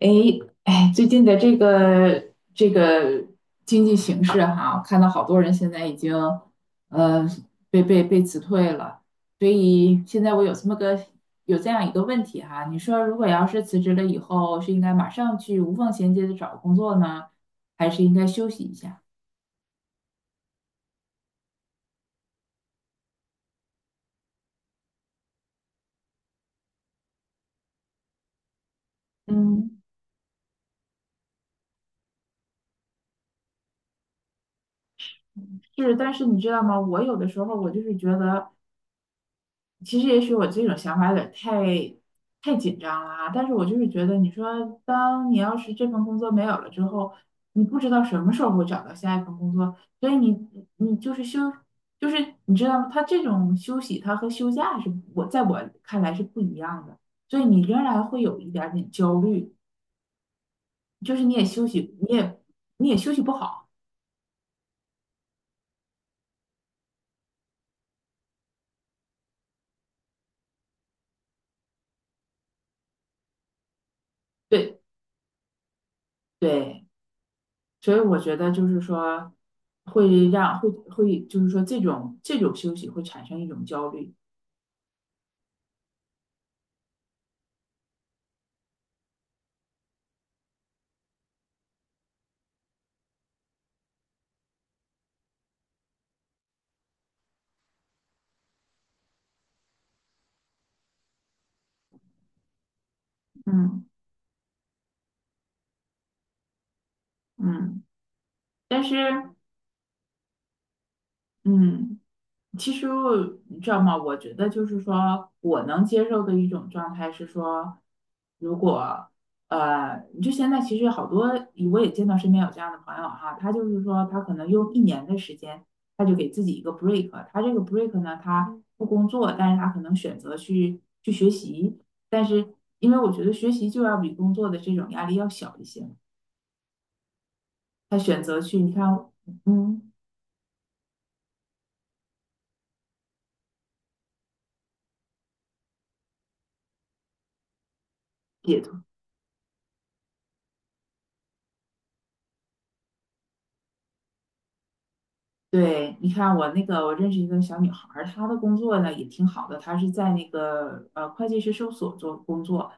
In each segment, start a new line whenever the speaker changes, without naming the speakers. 诶，哎，最近的这个经济形势哈，我看到好多人现在已经呃被辞退了，所以现在我有这样一个问题哈，你说如果要是辞职了以后，是应该马上去无缝衔接的找工作呢，还是应该休息一下？嗯，是，但是你知道吗？我有的时候我就是觉得。其实也许我这种想法有点太紧张了啊，但是我就是觉得，你说当你要是这份工作没有了之后，你不知道什么时候会找到下一份工作，所以你你就是休，就是你知道吗？他这种休息，他和休假在我看来是不一样的，所以你仍然会有一点点焦虑，就是你也休息，你也休息不好，对对。所以我觉得就是说，会让会会就是说这种休息会产生一种焦虑。嗯嗯但是嗯。其实你知道吗？我觉得就是说我能接受的一种状态是说，如果就现在其实好多我也见到身边有这样的朋友哈，他就是说他可能用一年的时间，他就给自己一个 break，他这个 break 呢，他不工作，但是他可能选择去学习，但是因为我觉得学习就要比工作的这种压力要小一些，他选择去，你看，嗯。解脱。对，你看我认识一个小女孩儿，她的工作呢也挺好的，她是在那个会计师事务所做工作，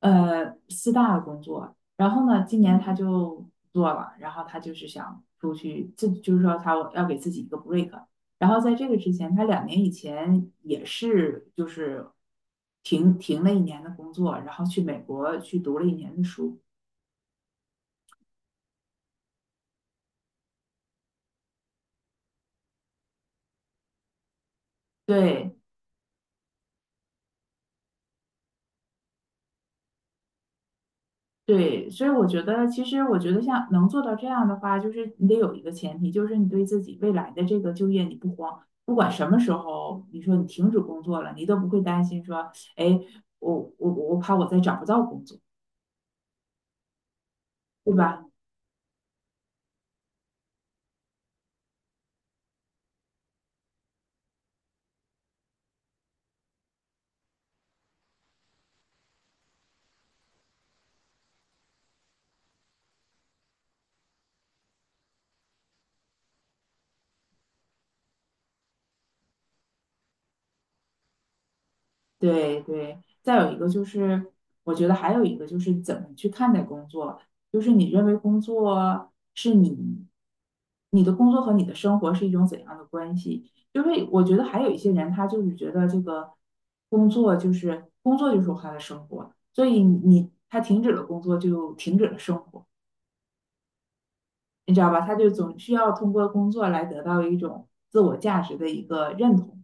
四大的工作。然后呢，今年她就不做了，然后她就是想出去，这就是说她要给自己一个 break。然后在这个之前，她2年以前也是就是停了一年的工作，然后去美国去读了一年的书。对。对，所以我觉得，其实我觉得像能做到这样的话，就是你得有一个前提，就是你对自己未来的这个就业你不慌，不管什么时候，你说你停止工作了，你都不会担心说，哎，我怕我再找不到工作，对吧？对对，再有一个就是，我觉得还有一个就是怎么去看待工作，就是你认为工作是你，你的工作和你的生活是一种怎样的关系？就是我觉得还有一些人，他就是觉得这个工作就是工作就是他的生活，所以他停止了工作就停止了生活，你知道吧？他就总需要通过工作来得到一种自我价值的一个认同，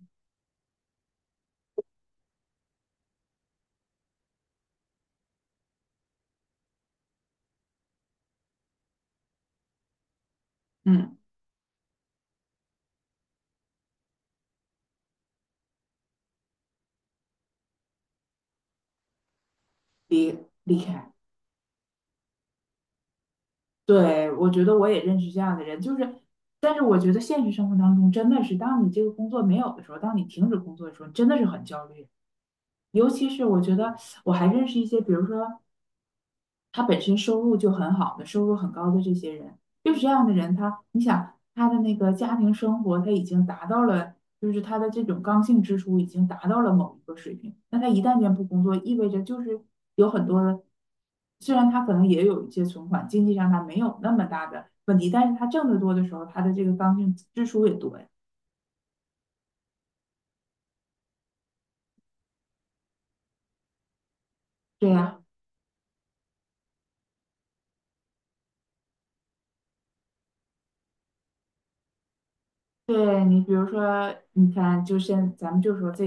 嗯，离离开。对，我觉得我也认识这样的人，就是，但是我觉得现实生活当中真的是，当你这个工作没有的时候，当你停止工作的时候，真的是很焦虑。尤其是我觉得我还认识一些，比如说他本身收入就很好的，收入很高的这些人，就是这样的人，他的那个家庭生活，他已经达到了，就是他的这种刚性支出已经达到了某一个水平。那他一旦间不工作，意味着就是有很多的，虽然他可能也有一些存款，经济上他没有那么大的问题，但是他挣得多的时候，他的这个刚性支出也多呀。对呀，对你，比如说，你看，咱们就说这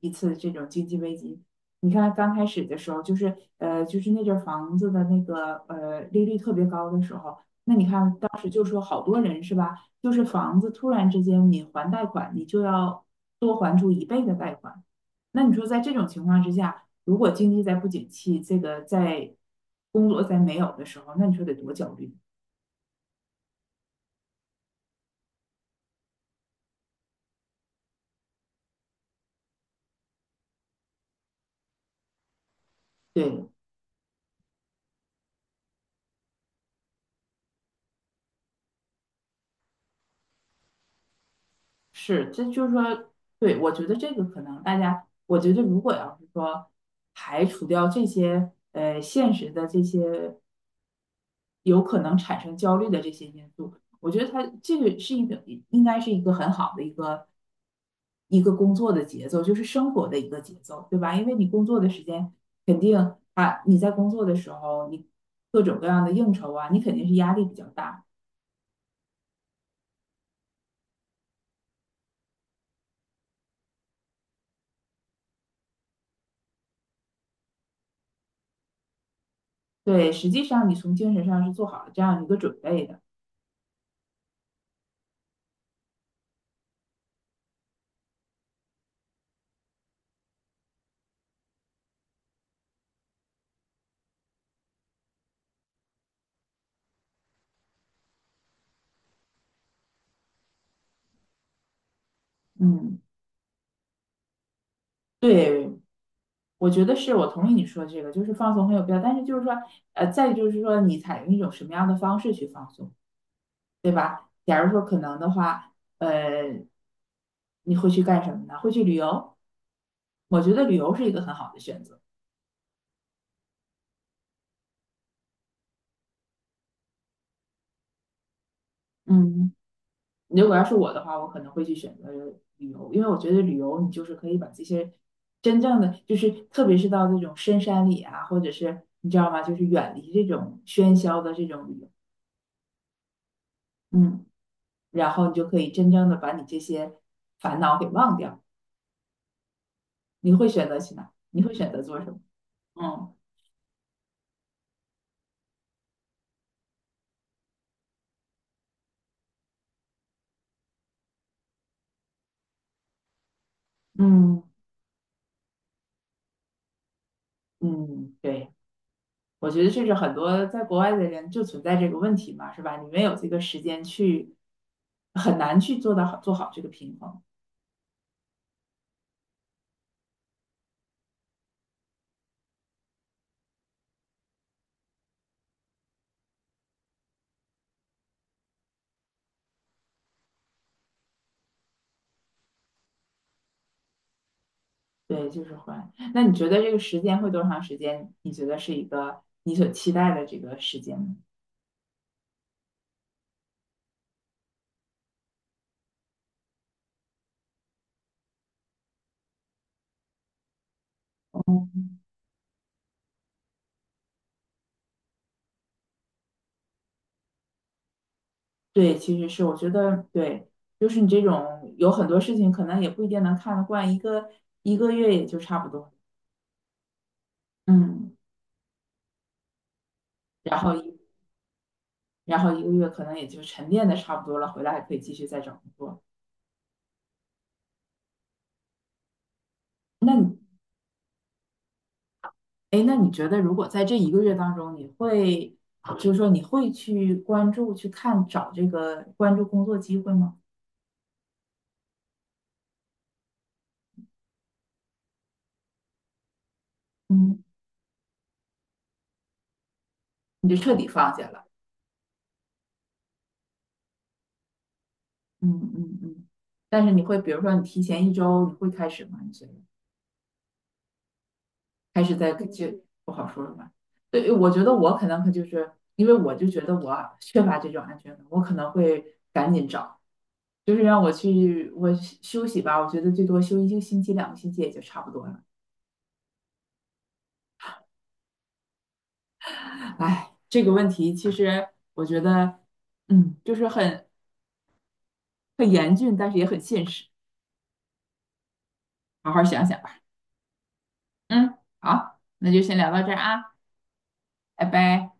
一次这种经济危机，你看刚开始的时候，就是那阵儿房子的那个利率特别高的时候，那你看当时就说好多人是吧，就是房子突然之间你还贷款，你就要多还出一倍的贷款，那你说在这种情况之下，如果经济再不景气，这个在工作再没有的时候，那你说得多焦虑？对，是，这就是说，对，我觉得这个可能大家，我觉得如果要是说排除掉这些现实的这些有可能产生焦虑的这些因素，我觉得它这个是一个应该是一个很好的一个工作的节奏，就是生活的一个节奏，对吧？因为你工作的时间肯定啊，你在工作的时候，你各种各样的应酬啊，你肯定是压力比较大。对，实际上你从精神上是做好了这样一个准备的。嗯，对，我觉得是我同意你说这个，就是放松很有必要，但是就是说，再就是说，你采用一种什么样的方式去放松？假如说可能的话，呃，你会去干什么呢？会去旅游？我觉得旅游是一个很好的选择。嗯，如果要是我的话，我可能会去选择旅游，因为我觉得旅游你就是可以把这些真正的，就是特别是到这种深山里啊，或者是你知道吗，就是远离这种喧嚣的这种旅游，嗯，然后你就可以真正的把你这些烦恼给忘掉。你会选择去哪？你会选择做什么？嗯嗯嗯，对，我觉得这是很多在国外的人就存在这个问题嘛，是吧？你没有这个时间去，很难去做好这个平衡。对，就是会。那你觉得这个时间会多长时间？你觉得是一个你所期待的这个时间吗？对，其实是我觉得对，就是你这种有很多事情可能也不一定能看得惯，一个月也就差不多。嗯，然后。然后一个月可能也就沉淀的差不多了，回来还可以继续再找工作。那你，哎，那你觉得如果在这一个月当中，就是说你会去关注、去看、找这个关注工作机会吗？嗯，你就彻底放下了。嗯嗯嗯。但是你会，比如说你提前一周，你会开始吗？你觉得？还是不好说了吧？对，我觉得我可能就是因为我就觉得我缺乏这种安全感，我可能会赶紧找，就是让我去休息吧，我觉得最多休一个星期、2个星期也就差不多了。哎，这个问题其实我觉得，就是很严峻，但是也很现实，好好想想吧。嗯，好，那就先聊到这儿啊，拜拜。